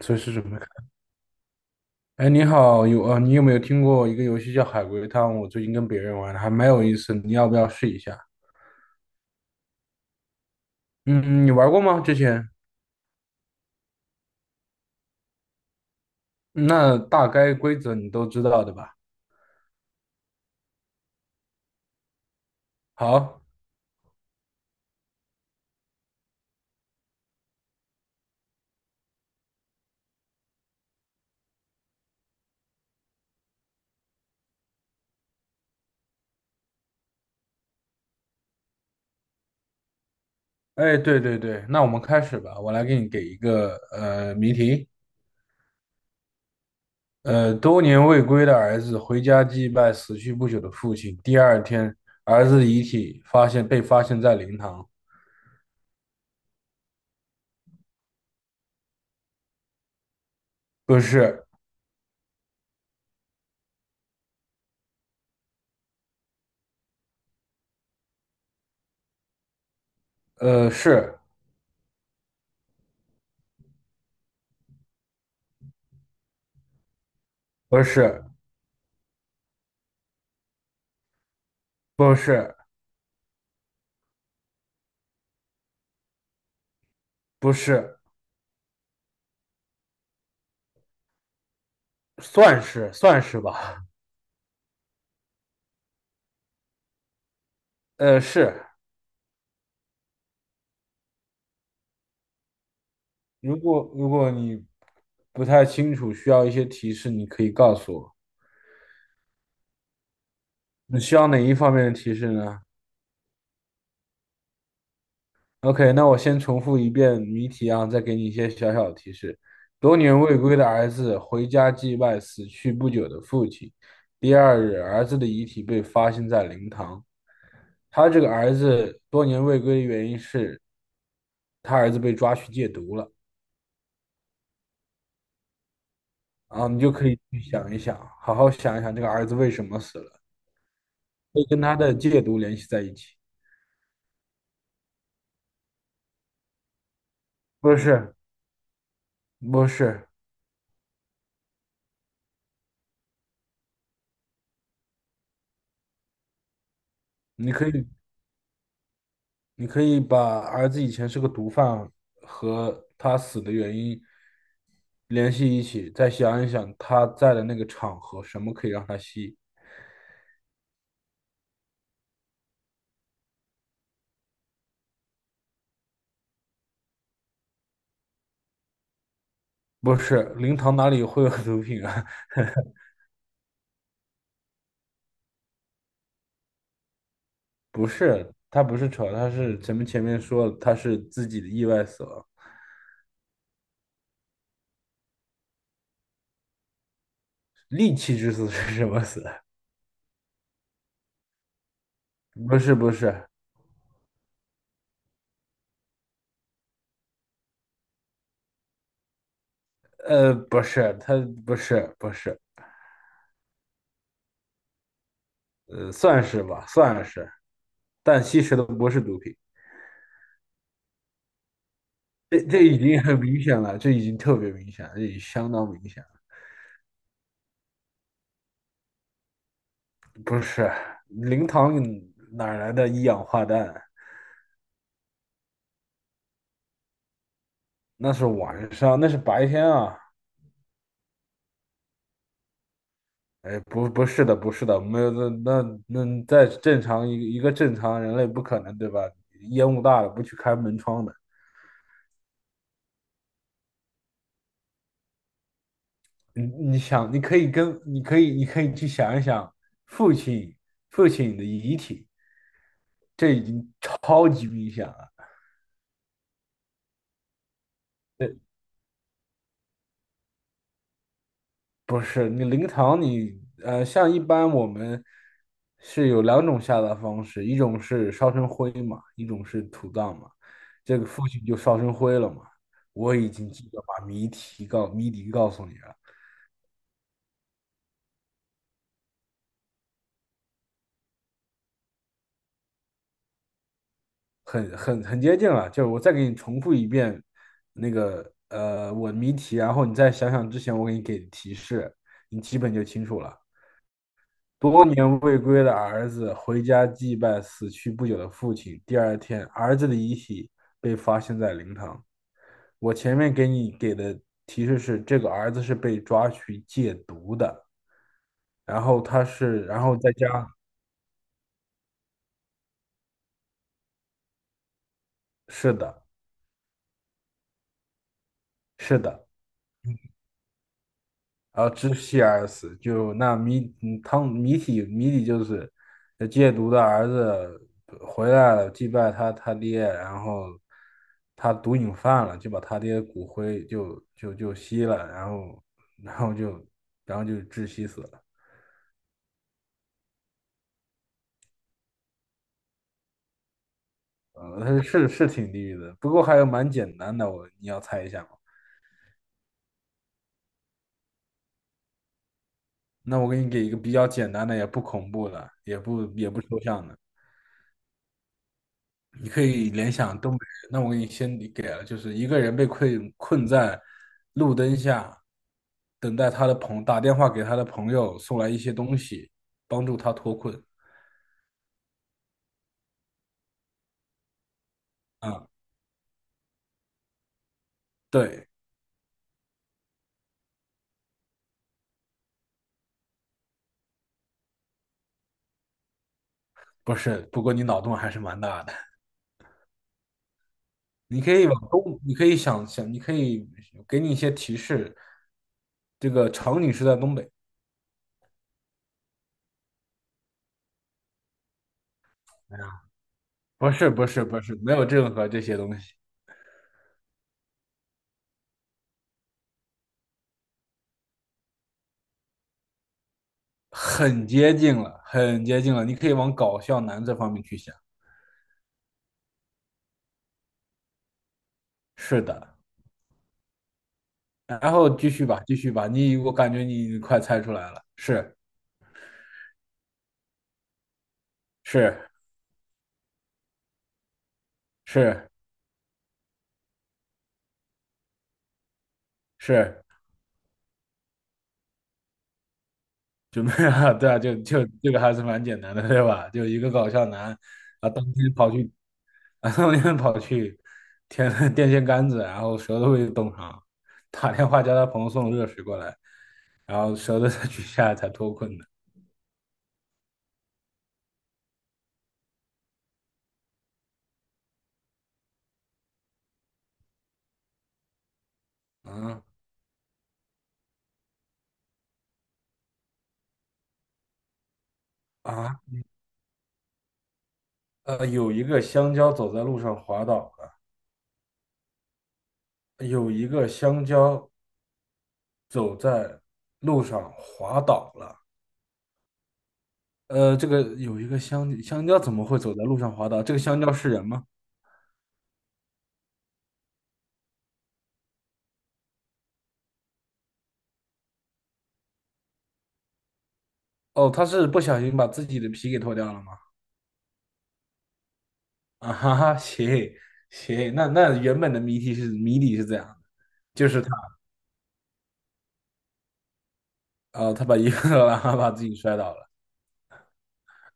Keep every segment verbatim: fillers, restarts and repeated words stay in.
随时准备看。哎，你好，有啊，呃你有没有听过一个游戏叫《海龟汤》？我最近跟别人玩的，还蛮有意思，你要不要试一下？嗯，你玩过吗？之前？那大概规则你都知道的吧？好，哎，对对对，那我们开始吧。我来给你给一个呃谜题。呃，多年未归的儿子回家祭拜死去不久的父亲。第二天，儿子的遗体发现被发现在灵堂，不是，呃，是不是不是不是？算是算是吧，呃，是。如果如果你不太清楚，需要一些提示，你可以告诉我。你需要哪一方面的提示呢？OK，那我先重复一遍谜题啊，再给你一些小小的提示。多年未归的儿子回家祭拜死去不久的父亲。第二日，儿子的遗体被发现在灵堂。他这个儿子多年未归的原因是，他儿子被抓去戒毒了。啊，你就可以去想一想，好好想一想这个儿子为什么死了，可以跟他的戒毒联系在一起。不是，不是，你可以，你可以把儿子以前是个毒贩和他死的原因联系一起，再想一想他在的那个场合，什么可以让他吸？不是，灵堂哪里会有毒品啊？不是，他不是扯，他是咱们前面说了，他是自己的意外死亡，利器之死是什么死？不是，不是。呃，不是，他不是不是，呃，算是吧，算是，但吸食的不是毒品。这这已经很明显了，这已经特别明显了，这已经相当明显了。不是，灵堂哪来的一氧化氮？那是晚上，那是白天啊。哎，不，不是的，不是的，没有，那那那在正常一个一个正常人类不可能，对吧？烟雾大了不去开门窗的。你你想，你可以跟你可以你可以去想一想父亲父亲的遗体，这已经超级明显了。不是你灵堂你，呃，像一般我们是有两种下葬方式，一种是烧成灰嘛，一种是土葬嘛。这个父亲就烧成灰了嘛。我已经记得把谜题告谜底告诉你了。很很很接近了。就是我再给你重复一遍那个呃我的谜题，然后你再想想之前我给你给的提示，你基本就清楚了。多年未归的儿子回家祭拜死去不久的父亲，第二天儿子的遗体被发现在灵堂。我前面给你给的提示是，这个儿子是被抓去戒毒的，然后他是，然后在家，是的，是的。然后窒息而死，就那谜嗯汤谜题谜底就是呃戒毒的儿子回来了，祭拜他他爹，然后他毒瘾犯了，就把他爹骨灰就就就吸了，然后然后就然后就窒息死了。呃，他是是挺地狱的，不过还有蛮简单的，我你要猜一下吗？那我给你给一个比较简单的，也不恐怖的，也不也不抽象的。你可以联想东北人，那我给你先给了，就是一个人被困困在路灯下，等待他的朋打电话给他的朋友送来一些东西，帮助他脱困。啊，对，不是，不过你脑洞还是蛮大的。你可以往东，你可以想想，你可以给你一些提示。这个场景是在东北，啊不是不是不是，没有任何这些东西，很接近了，很接近了。你可以往搞笑男这方面去想。是的，然后继续吧，继续吧，你我感觉你快猜出来了，是是是是，准备啊，对啊，就就这个还是蛮简单的，对吧？就一个搞笑男啊，当天跑去啊，当天跑去舔了 电线杆子，然后舌头被冻上，打电话叫他朋友送热水过来，然后舌头才取下来才脱困的。啊啊，呃，有一个香蕉走在路上滑倒了，有一个香蕉走在路上滑倒了。呃，这个有一个香香蕉怎么会走在路上滑倒？这个香蕉是人吗？哦，他是不小心把自己的皮给脱掉了吗？啊哈哈，行行，那那原本的谜题是谜底是这样的，就是他，啊，呃他把一个然后把自己摔倒了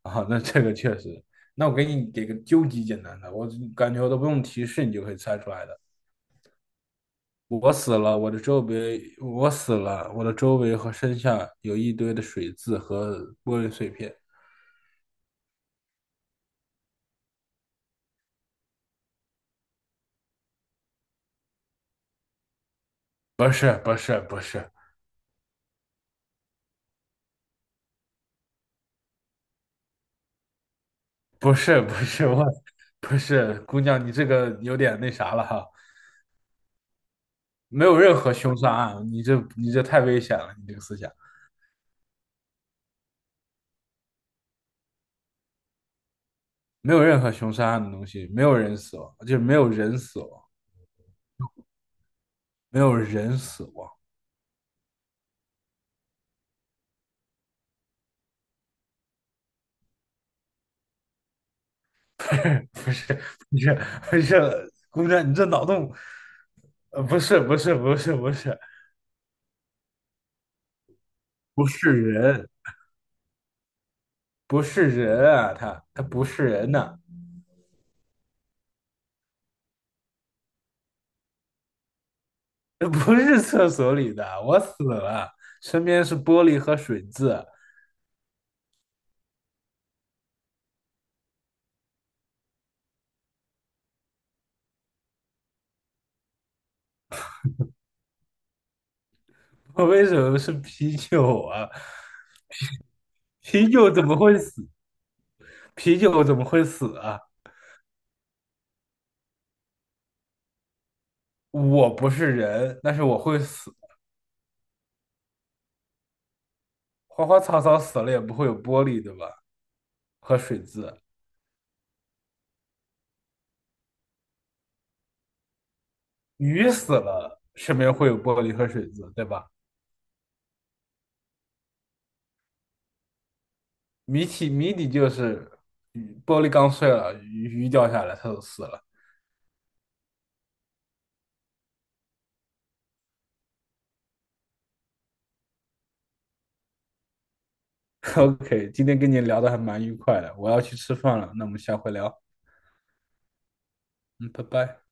啊，那这个确实，那我给你给个究极简单的，我感觉我都不用提示你就可以猜出来的。我死了，我的周围，我死了，我的周围和身下有一堆的水渍和玻璃碎片。不是不是不是 不是不是我，不是姑娘，你这个有点那啥了哈，没有任何凶杀案，你这你这太危险了，你这个思想没有任何凶杀案的东西，没有人死亡，就是没有人死亡，没有人死亡，不是不是不是，姑娘，你这脑洞，呃，不是不是不是不是不是人，不是人啊，他他不是人呐、这不是厕所里的，我死了，身边是玻璃和水渍。我为什么是啤酒啊？啤酒怎么会死？啤酒怎么会死啊？我不是人，但是我会死。花花草草死了也不会有玻璃，对吧？和水渍。鱼死了，身边会有玻璃和水渍，对吧？谜题谜底就是鱼，玻璃刚碎了，鱼鱼掉下来，它就死了。OK，今天跟你聊的还蛮愉快的，我要去吃饭了，那我们下回聊。嗯，拜拜。